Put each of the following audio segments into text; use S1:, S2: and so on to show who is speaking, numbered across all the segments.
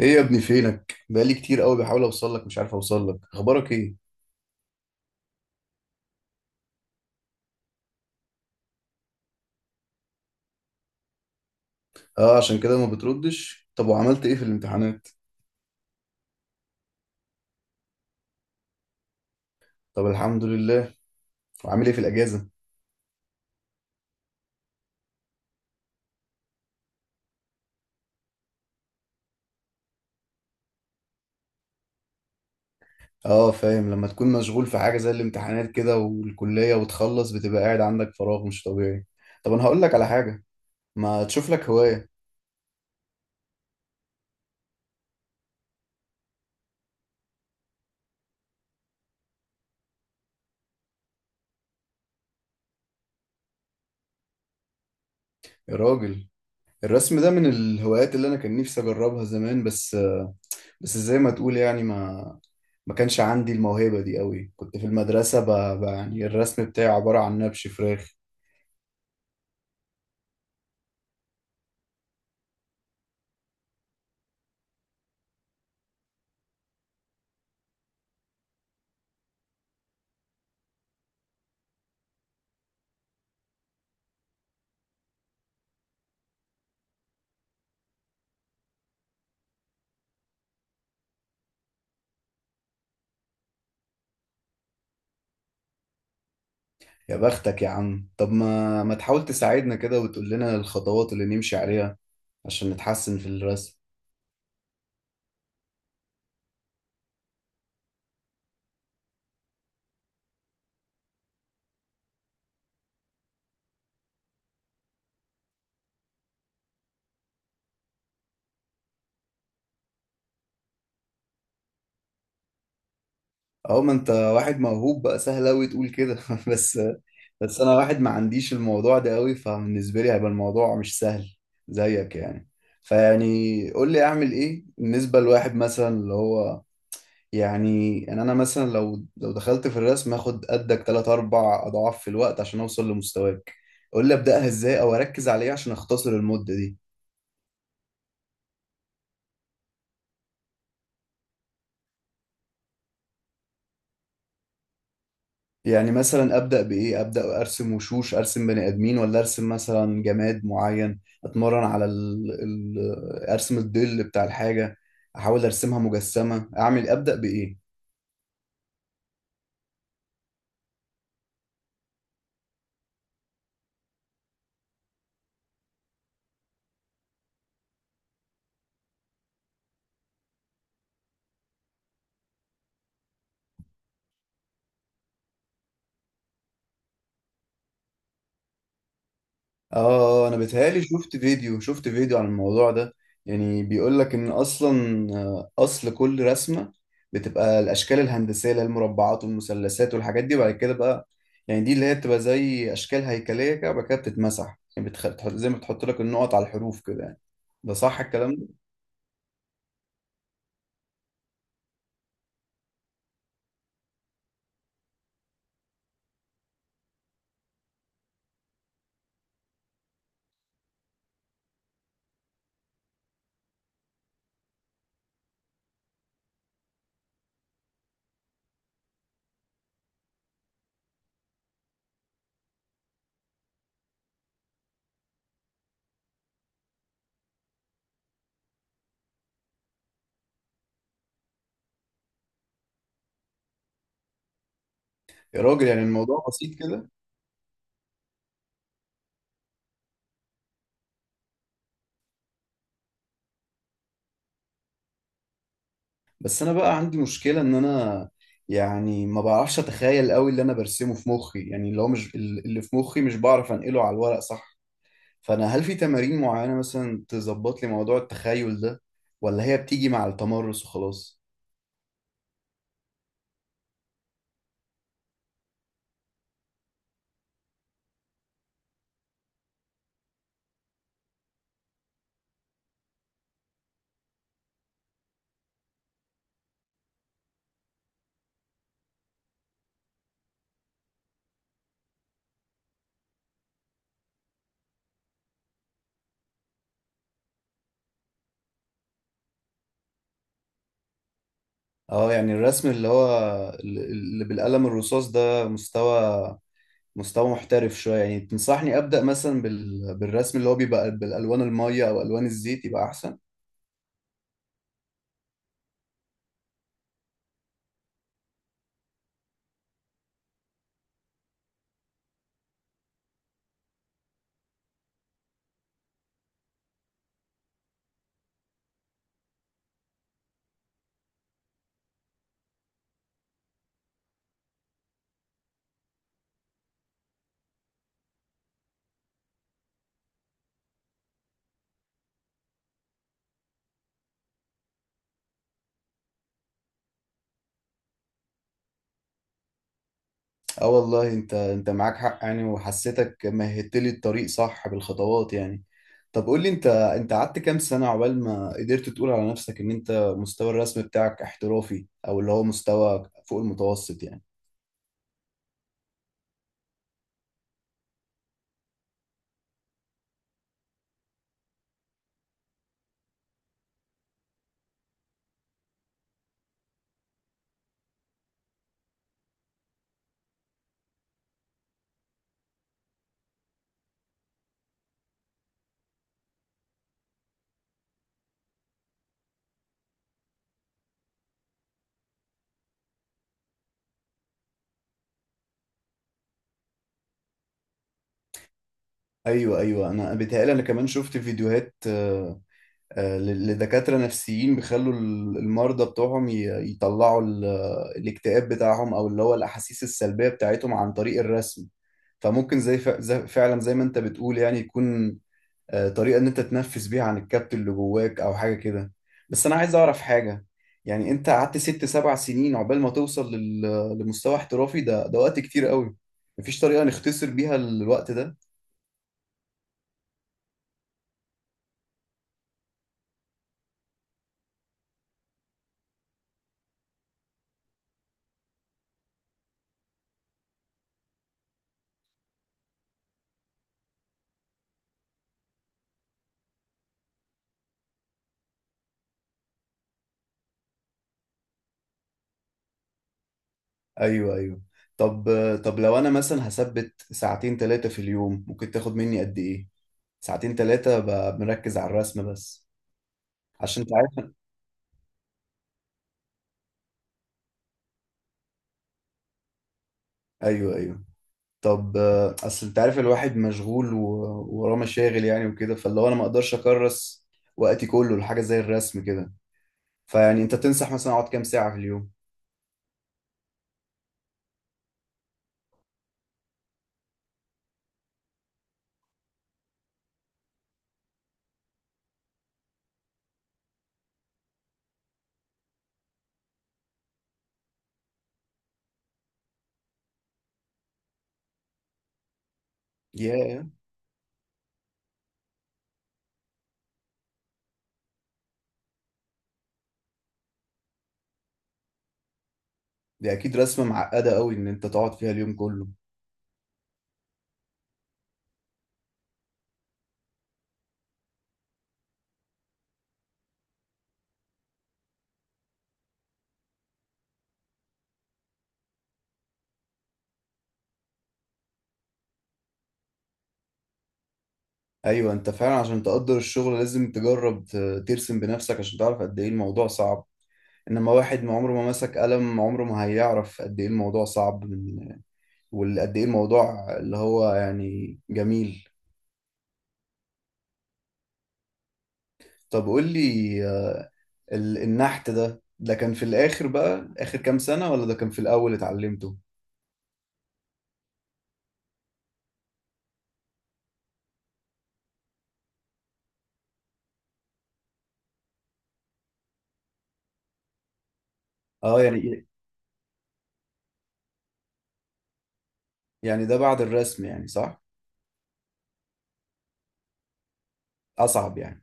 S1: ايه يا ابني؟ فينك؟ بقالي كتير قوي بحاول اوصل لك، مش عارف اوصل لك. اخبارك ايه؟ اه، عشان كده ما بتردش. طب وعملت ايه في الامتحانات؟ طب الحمد لله. وعامل ايه في الاجازه؟ اه فاهم، لما تكون مشغول في حاجه زي الامتحانات كده والكليه وتخلص بتبقى قاعد عندك فراغ مش طبيعي. طب انا هقول لك على حاجه. ما تشوف لك هوايه. يا راجل، الرسم ده من الهوايات اللي انا كان نفسي اجربها زمان. بس زي ما تقول يعني، ما كانش عندي الموهبة دي قوي. كنت في المدرسة يعني الرسم بتاعي عبارة عن نبش فراخ. يا بختك يا عم، طب ما تحاول تساعدنا كده وتقول لنا الخطوات اللي نمشي عليها عشان نتحسن في الرسم. اه، ما انت واحد موهوب بقى سهل قوي تقول كده. بس بس انا واحد ما عنديش الموضوع ده قوي، فبالنسبه لي هيبقى الموضوع مش سهل زيك يعني. فيعني قول لي اعمل ايه بالنسبه لواحد مثلا اللي هو، يعني انا مثلا لو دخلت في الرسم هاخد قدك 3 4 اضعاف في الوقت عشان اوصل لمستواك. قول لي ابداها ازاي او اركز على ايه عشان اختصر المده دي. يعني مثلا ابدا بايه؟ ابدا ارسم وشوش، ارسم بني ادمين، ولا ارسم مثلا جماد معين، اتمرن على ارسم الظل بتاع الحاجه، احاول ارسمها مجسمه؟ اعمل ابدا بايه؟ اه انا بيتهيألي شفت فيديو عن الموضوع ده، يعني بيقول لك ان اصلا، اصل كل رسمه بتبقى الاشكال الهندسيه اللي هي المربعات والمثلثات والحاجات دي، وبعد كده بقى، يعني دي اللي هي بتبقى زي اشكال هيكليه كده، وبعد كده بتتمسح، يعني زي ما بتحط لك النقط على الحروف كده يعني. ده صح الكلام ده؟ يا راجل، يعني الموضوع بسيط كده. بس انا بقى عندي مشكلة، ان انا يعني ما بعرفش اتخيل قوي اللي انا برسمه في مخي، يعني اللي هو مش اللي في مخي مش بعرف انقله على الورق صح. فانا هل في تمارين معينة مثلا تظبط لي موضوع التخيل ده؟ ولا هي بتيجي مع التمرس وخلاص؟ اه يعني الرسم اللي هو اللي بالقلم الرصاص ده، مستوى محترف شوية، يعني تنصحني ابدأ مثلا بالرسم اللي هو بيبقى بالالوان المية او الوان الزيت يبقى احسن؟ اه والله، انت معاك حق يعني، وحسيتك مهدت لي الطريق صح بالخطوات يعني. طب قول لي، انت قعدت كام سنة عقبال ما قدرت تقول على نفسك ان انت مستوى الرسم بتاعك احترافي، او اللي هو مستوى فوق المتوسط يعني؟ ايوه، ايوه، انا بيتهيألي انا كمان شفت فيديوهات، لدكاترة نفسيين، بيخلوا المرضى بتوعهم يطلعوا الاكتئاب بتاعهم، او اللي هو الاحاسيس السلبية بتاعتهم، عن طريق الرسم. فممكن زي فعلا زي ما انت بتقول، يعني يكون طريقة إن أنت تنفس بيها عن الكبت اللي جواك أو حاجة كده. بس أنا عايز أعرف حاجة، يعني أنت قعدت 6 7 سنين عقبال ما توصل لمستوى احترافي، ده وقت كتير قوي. مفيش طريقة نختصر بيها الوقت ده؟ أيوه، أيوه. طب لو أنا مثلا هثبت ساعتين تلاتة في اليوم ممكن تاخد مني قد إيه؟ ساعتين تلاتة مركز على الرسم بس، عشان تعرف. أيوه، أيوه. طب اصل انت عارف الواحد مشغول ووراه مشاغل يعني وكده، فاللي هو انا ما اقدرش اكرس وقتي كله لحاجه زي الرسم كده. فيعني انت تنصح مثلا اقعد كام ساعه في اليوم؟ ياه، دي اكيد رسمه معقده قوي ان انت تقعد فيها اليوم كله. ايوه، انت فعلا عشان تقدر الشغل لازم تجرب ترسم بنفسك عشان تعرف قد ايه الموضوع صعب. انما واحد ما عمره ما مسك قلم عمره ما هيعرف قد ايه الموضوع صعب من، وقد ايه الموضوع اللي هو يعني جميل. طب قول لي، النحت ده كان في الآخر بقى آخر كام سنة، ولا ده كان في الأول اتعلمته؟ اه، يعني إيه، يعني ده بعد الرسم يعني صح؟ أصعب يعني؟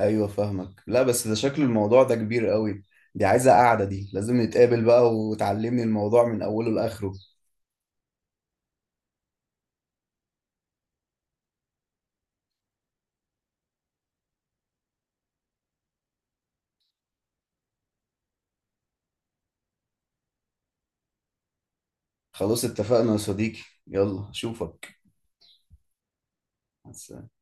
S1: أيوه فاهمك. لا بس ده، شكل الموضوع ده كبير قوي، دي عايزة قعدة، دي لازم نتقابل بقى وتعلمني الموضوع من أوله لآخره. خلاص اتفقنا يا صديقي. يلا أشوفك. مع السلامة.